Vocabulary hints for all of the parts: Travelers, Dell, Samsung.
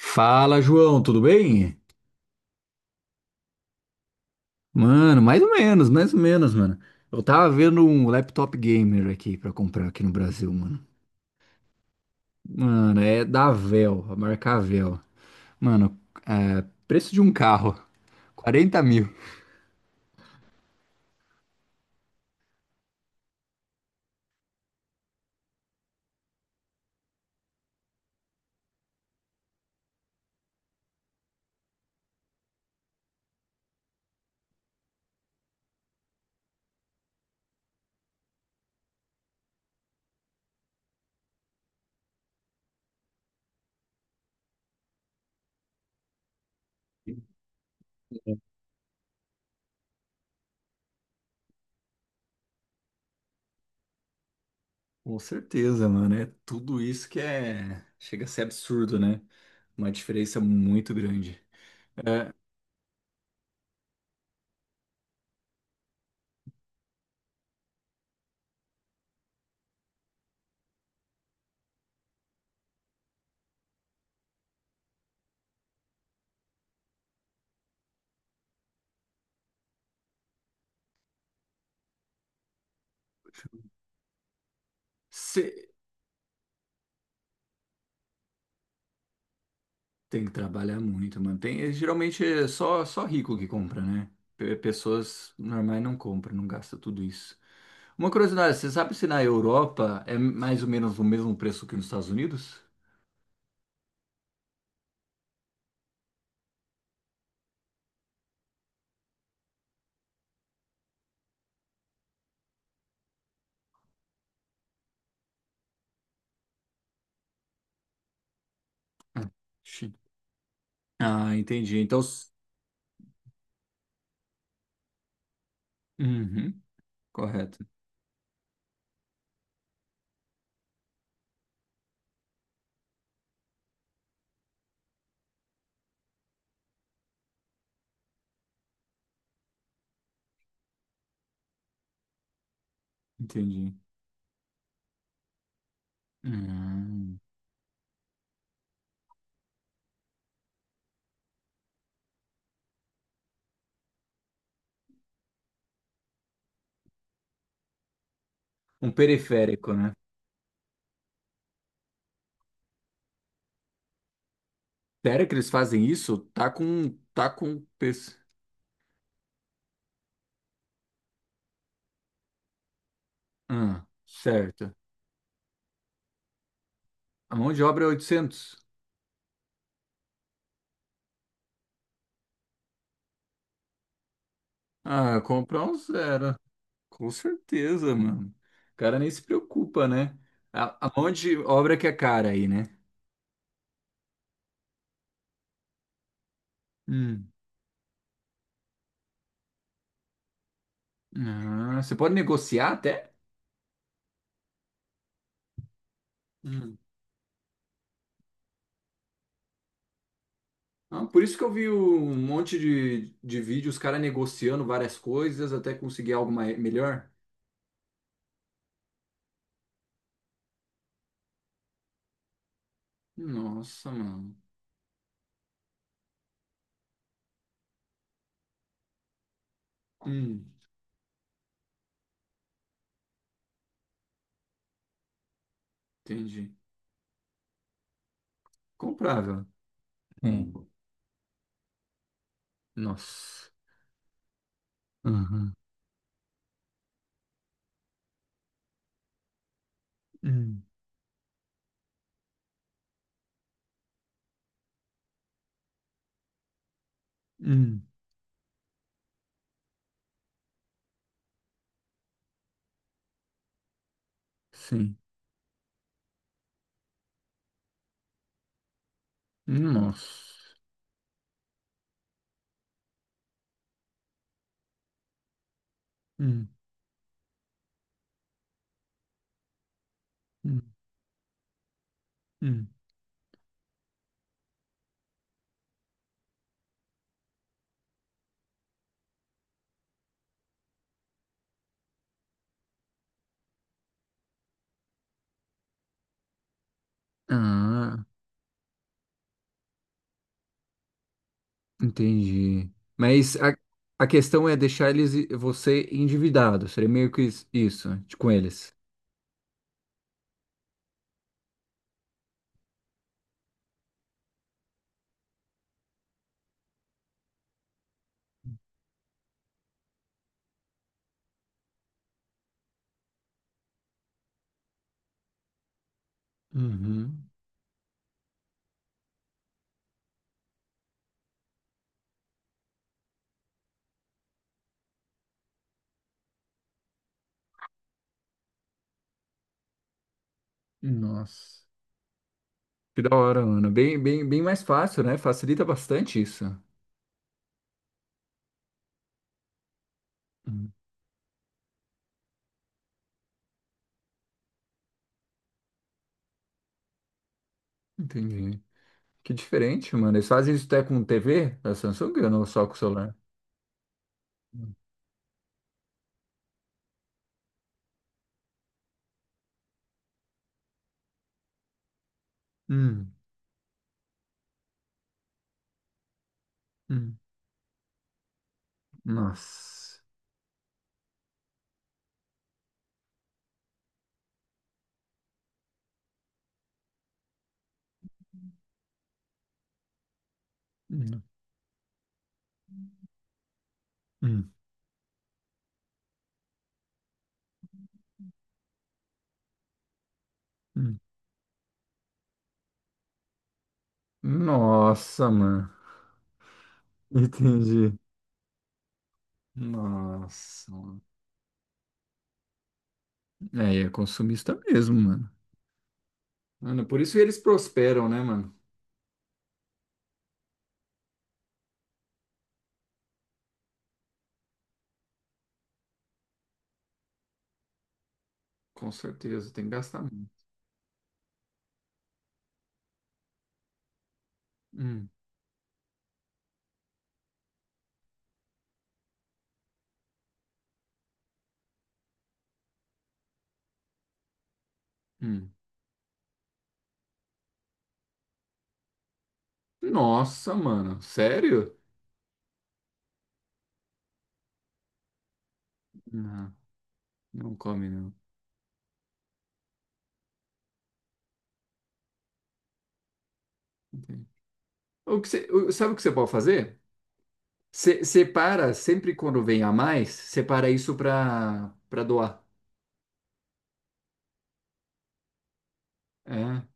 Fala, João, tudo bem? Mano, mais ou menos, mano. Eu tava vendo um laptop gamer aqui pra comprar aqui no Brasil, mano. Mano, é da Dell, a marca Dell. Mano, é, preço de um carro, 40.000. Com certeza, mano. É tudo isso que é. Chega a ser absurdo, né? Uma diferença muito grande. É, tem que trabalhar muito, mano. Tem, geralmente é só rico que compra, né? Pessoas normais não compram, não gastam tudo isso. Uma curiosidade, você sabe se na Europa é mais ou menos o mesmo preço que nos Estados Unidos? Ah, sim. Ah, entendi. Então. Uhum, correto. Entendi. Hum. Um periférico, né? Sério que eles fazem isso? Tá com peso. Ah, certo. A mão de obra é 800. Ah, comprar um zero. Com certeza, mano. O cara nem se preocupa, né? A de obra que é cara aí, né? Hum. Ah, você pode negociar até? Hum. Ah, por isso que eu vi um monte de vídeo, os caras negociando várias coisas até conseguir algo melhor. Nossa, mano. Hum. Entendi. Comprável. Sim. Nossa. Aham. Hum. Hum. Sim. Nossa. Hum. Hum. Hum. Ah. Entendi. Mas a questão é deixar eles você endividado. Seria meio que isso, com eles. Uhum. Nossa. Que da hora, Ana. Bem, bem, bem mais fácil, né? Facilita bastante isso. Hum. Entendi. Que diferente, mano. Eles fazem isso até com TV da Samsung ou não só com o celular? Hum. Hum. Hum, Nossa. Hum. Hum. Hum. Nossa, mano. Entendi. Nossa, mano. É consumista mesmo, mano. Mano, por isso eles prosperam, né, mano? Com certeza, tem que gastar muito. Hum, hum. Nossa, mano, sério? Não, não come, não. Entendi. O que você, o- Sabe o que você pode fazer? Você separa, sempre quando vem a mais, separa isso pra doar. É?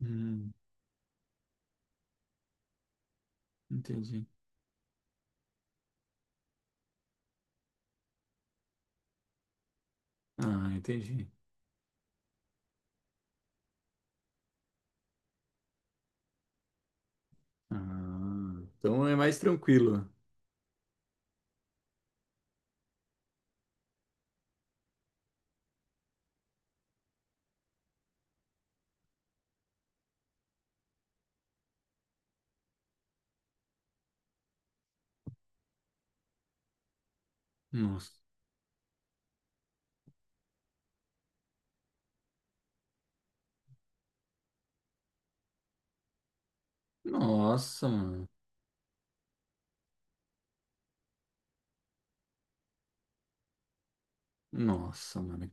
Hum, entendi. Ah, entendi. Ah, então é mais tranquilo. Nossa. Nossa, mano. Nossa, mano.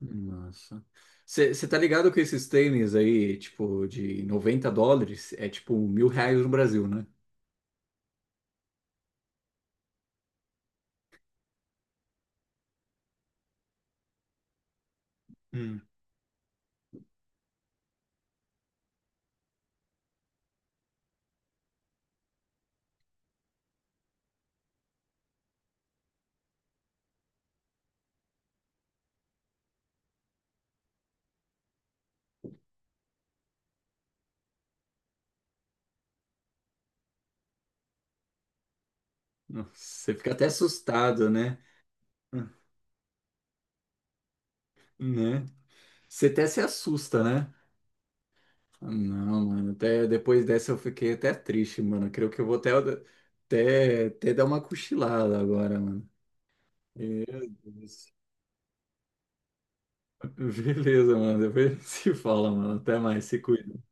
Nossa. Você tá ligado que esses tênis aí, tipo, de 90 dólares, é tipo 1.000 reais no Brasil, né? Hum. Você fica até assustado, né? Hum. Né? Você até se assusta, né? Não, mano, até depois dessa eu fiquei até triste, mano. Creio que eu vou até dar uma cochilada agora, mano. Meu Deus. Beleza, mano. Depois a gente se fala, mano. Até mais, se cuida.